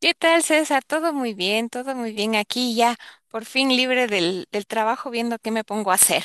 ¿Qué tal, César? Todo muy bien, todo muy bien. Aquí ya, por fin libre del trabajo, viendo qué me pongo a hacer.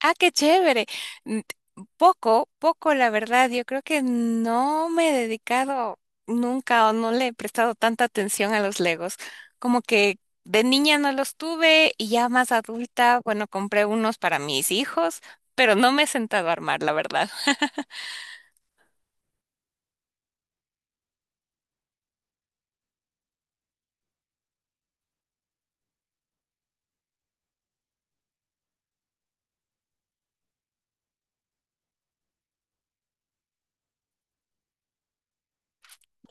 Ah, qué chévere. Mm, poco, poco, la verdad. Yo creo que no me he dedicado nunca o no le he prestado tanta atención a los Legos. Como que de niña no los tuve y ya más adulta, bueno, compré unos para mis hijos, pero no me he sentado a armar, la verdad.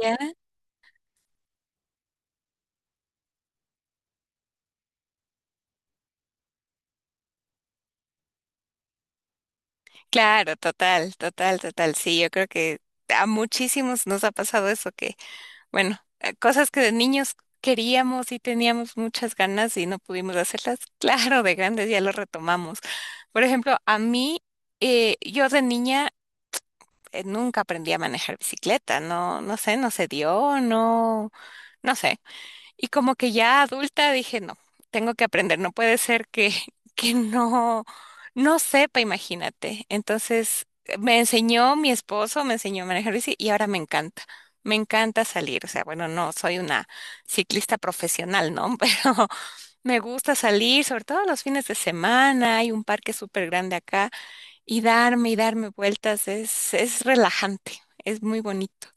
¿Ya? Claro, total, total, total. Sí, yo creo que a muchísimos nos ha pasado eso, que bueno, cosas que de niños queríamos y teníamos muchas ganas y no pudimos hacerlas. Claro, de grandes ya lo retomamos. Por ejemplo, a mí, yo de niña nunca aprendí a manejar bicicleta. No, no sé, no se dio, no, no sé. Y como que ya adulta dije, no, tengo que aprender, no puede ser que, que no, no sepa, imagínate. Entonces me enseñó mi esposo, me enseñó a manejar bici y ahora me encanta. Me encanta salir, o sea, bueno, no soy una ciclista profesional, ¿no? Pero me gusta salir, sobre todo los fines de semana, hay un parque súper grande acá y darme vueltas es relajante, es muy bonito.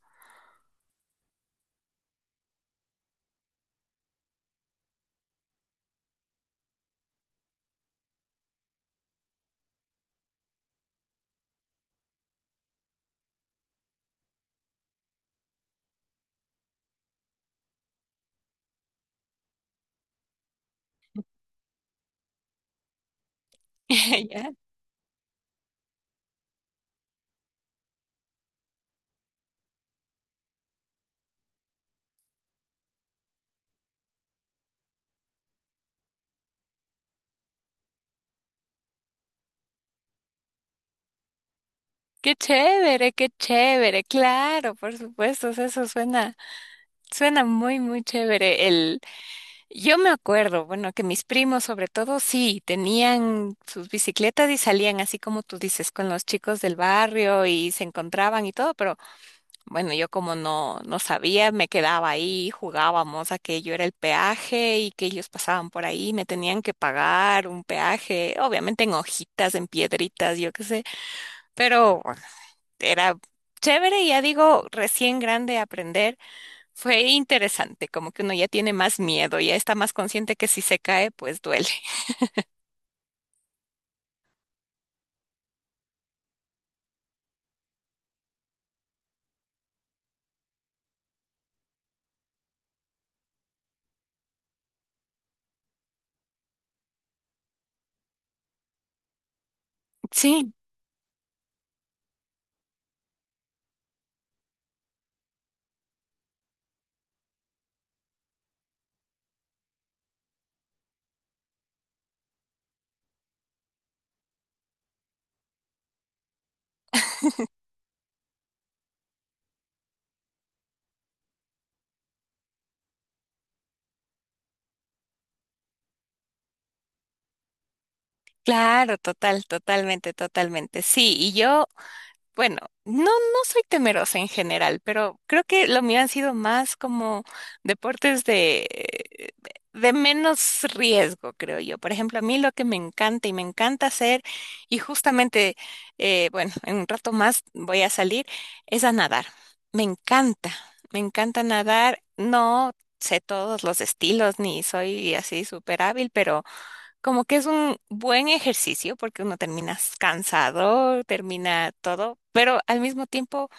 ¿Ya? Qué chévere, claro, por supuesto, o sea, eso suena, suena muy, muy chévere. El, yo me acuerdo, bueno, que mis primos sobre todo sí tenían sus bicicletas y salían así como tú dices, con los chicos del barrio y se encontraban y todo, pero bueno, yo como no, no sabía, me quedaba ahí, jugábamos a que yo era el peaje y que ellos pasaban por ahí, me tenían que pagar un peaje, obviamente en hojitas, en piedritas, yo qué sé. Pero era chévere, ya digo, recién grande aprender, fue interesante, como que uno ya tiene más miedo, ya está más consciente que si se cae, pues duele. Sí, claro, total, totalmente, totalmente. Sí, y yo bueno, no, no soy temerosa en general, pero creo que lo mío han sido más como deportes de menos riesgo, creo yo. Por ejemplo, a mí lo que me encanta y me encanta hacer, y justamente, bueno, en un rato más voy a salir, es a nadar. Me encanta, me encanta nadar. No sé todos los estilos, ni soy así súper hábil, pero, como que es un buen ejercicio porque uno termina cansado, termina todo, pero al mismo tiempo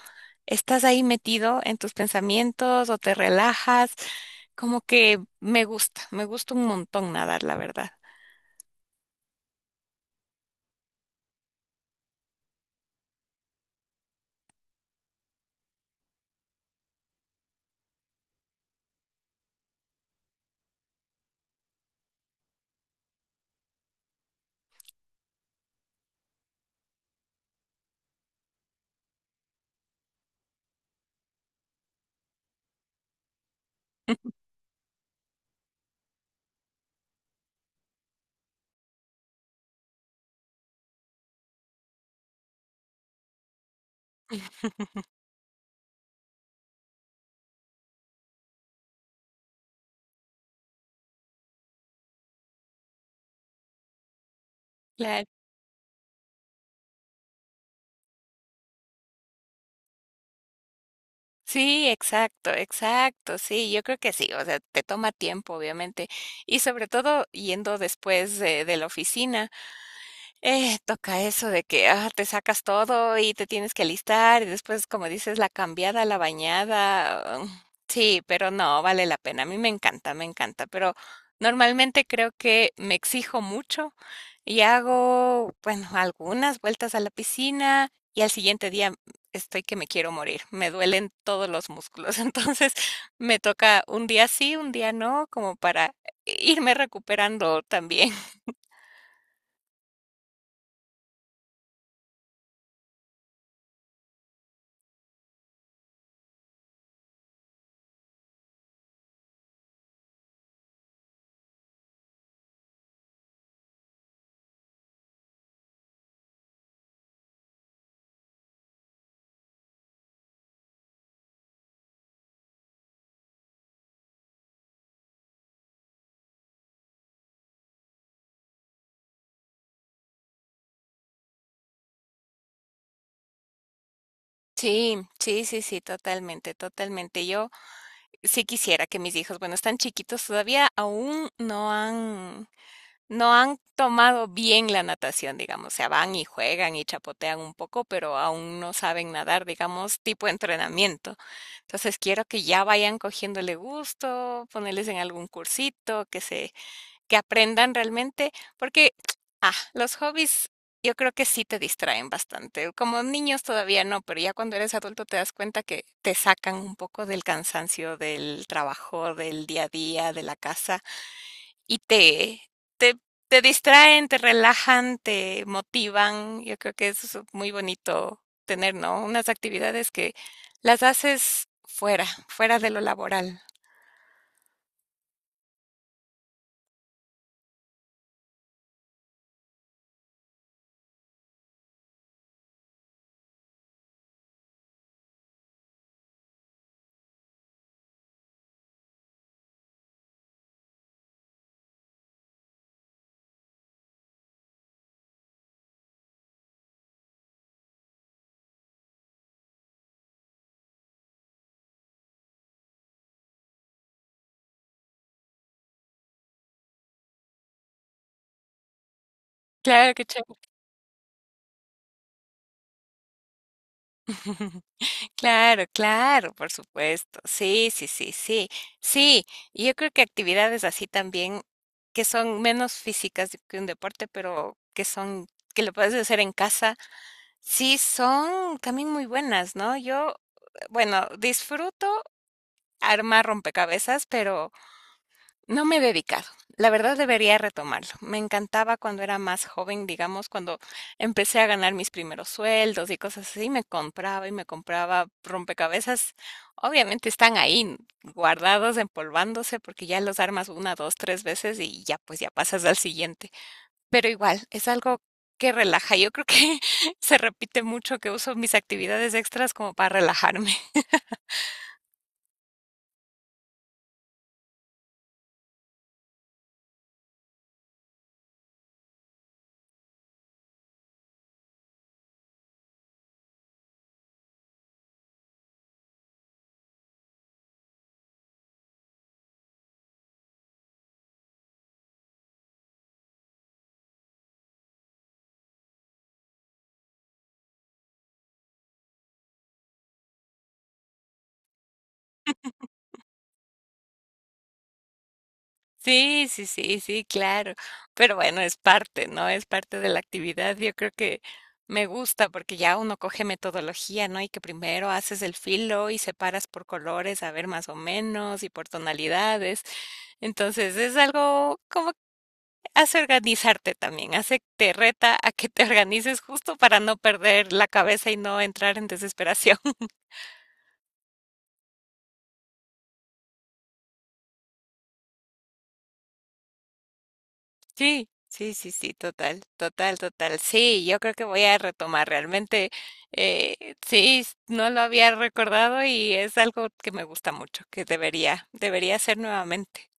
estás ahí metido en tus pensamientos o te relajas. Como que me gusta un montón nadar, la verdad. Claro. Sí, exacto, exacto, sí, yo creo que sí, o sea, te toma tiempo, obviamente, y sobre todo yendo después de la oficina. Toca eso de que, ah, te sacas todo y te tienes que alistar y después, como dices, la cambiada, la bañada. Sí, pero no, vale la pena. A mí me encanta, pero normalmente creo que me exijo mucho y hago, bueno, algunas vueltas a la piscina y al siguiente día estoy que me quiero morir. Me duelen todos los músculos. Entonces, me toca un día sí, un día no, como para irme recuperando también. Sí, sí, sí, sí, totalmente, totalmente. Yo sí quisiera que mis hijos, bueno, están chiquitos todavía, aún no han, no han tomado bien la natación, digamos. O sea, van y juegan y chapotean un poco, pero aún no saben nadar, digamos, tipo entrenamiento. Entonces quiero que ya vayan cogiéndole gusto, ponerles en algún cursito, que se que aprendan realmente, porque ah, los hobbies yo creo que sí te distraen bastante. Como niños todavía no, pero ya cuando eres adulto te das cuenta que te sacan un poco del cansancio del trabajo, del día a día, de la casa y te te distraen, te relajan, te motivan. Yo creo que eso es muy bonito tener, ¿no? Unas actividades que las haces fuera, fuera de lo laboral. Claro, qué chévere. Claro, claro, por supuesto. Sí, sí, sí, sí. Sí, y yo creo que actividades así también que son menos físicas que un deporte, pero que son que lo puedes hacer en casa, sí son también muy buenas, ¿no? Yo, bueno, disfruto armar rompecabezas, pero no me he dedicado. La verdad debería retomarlo. Me encantaba cuando era más joven, digamos, cuando empecé a ganar mis primeros sueldos y cosas así, me compraba y me compraba rompecabezas. Obviamente están ahí guardados, empolvándose, porque ya los armas una, dos, tres veces y ya pues ya pasas al siguiente. Pero igual, es algo que relaja. Yo creo que se repite mucho que uso mis actividades extras como para relajarme. Sí, sí, sí, sí, claro. Pero bueno, es parte, ¿no? Es parte de la actividad. Yo creo que me gusta porque ya uno coge metodología, ¿no? Y que primero haces el filo y separas por colores, a ver más o menos, y por tonalidades. Entonces es algo como que hace organizarte también, hace te reta a que te organices justo para no perder la cabeza y no entrar en desesperación. Sí, sí, sí, sí, total, total, total. Sí, yo creo que voy a retomar realmente. Sí, no lo había recordado y es algo que me gusta mucho, que debería, debería hacer nuevamente.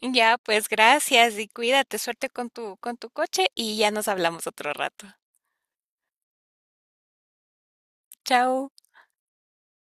Ya, pues gracias y cuídate, suerte con tu coche y ya nos hablamos otro rato. Chao.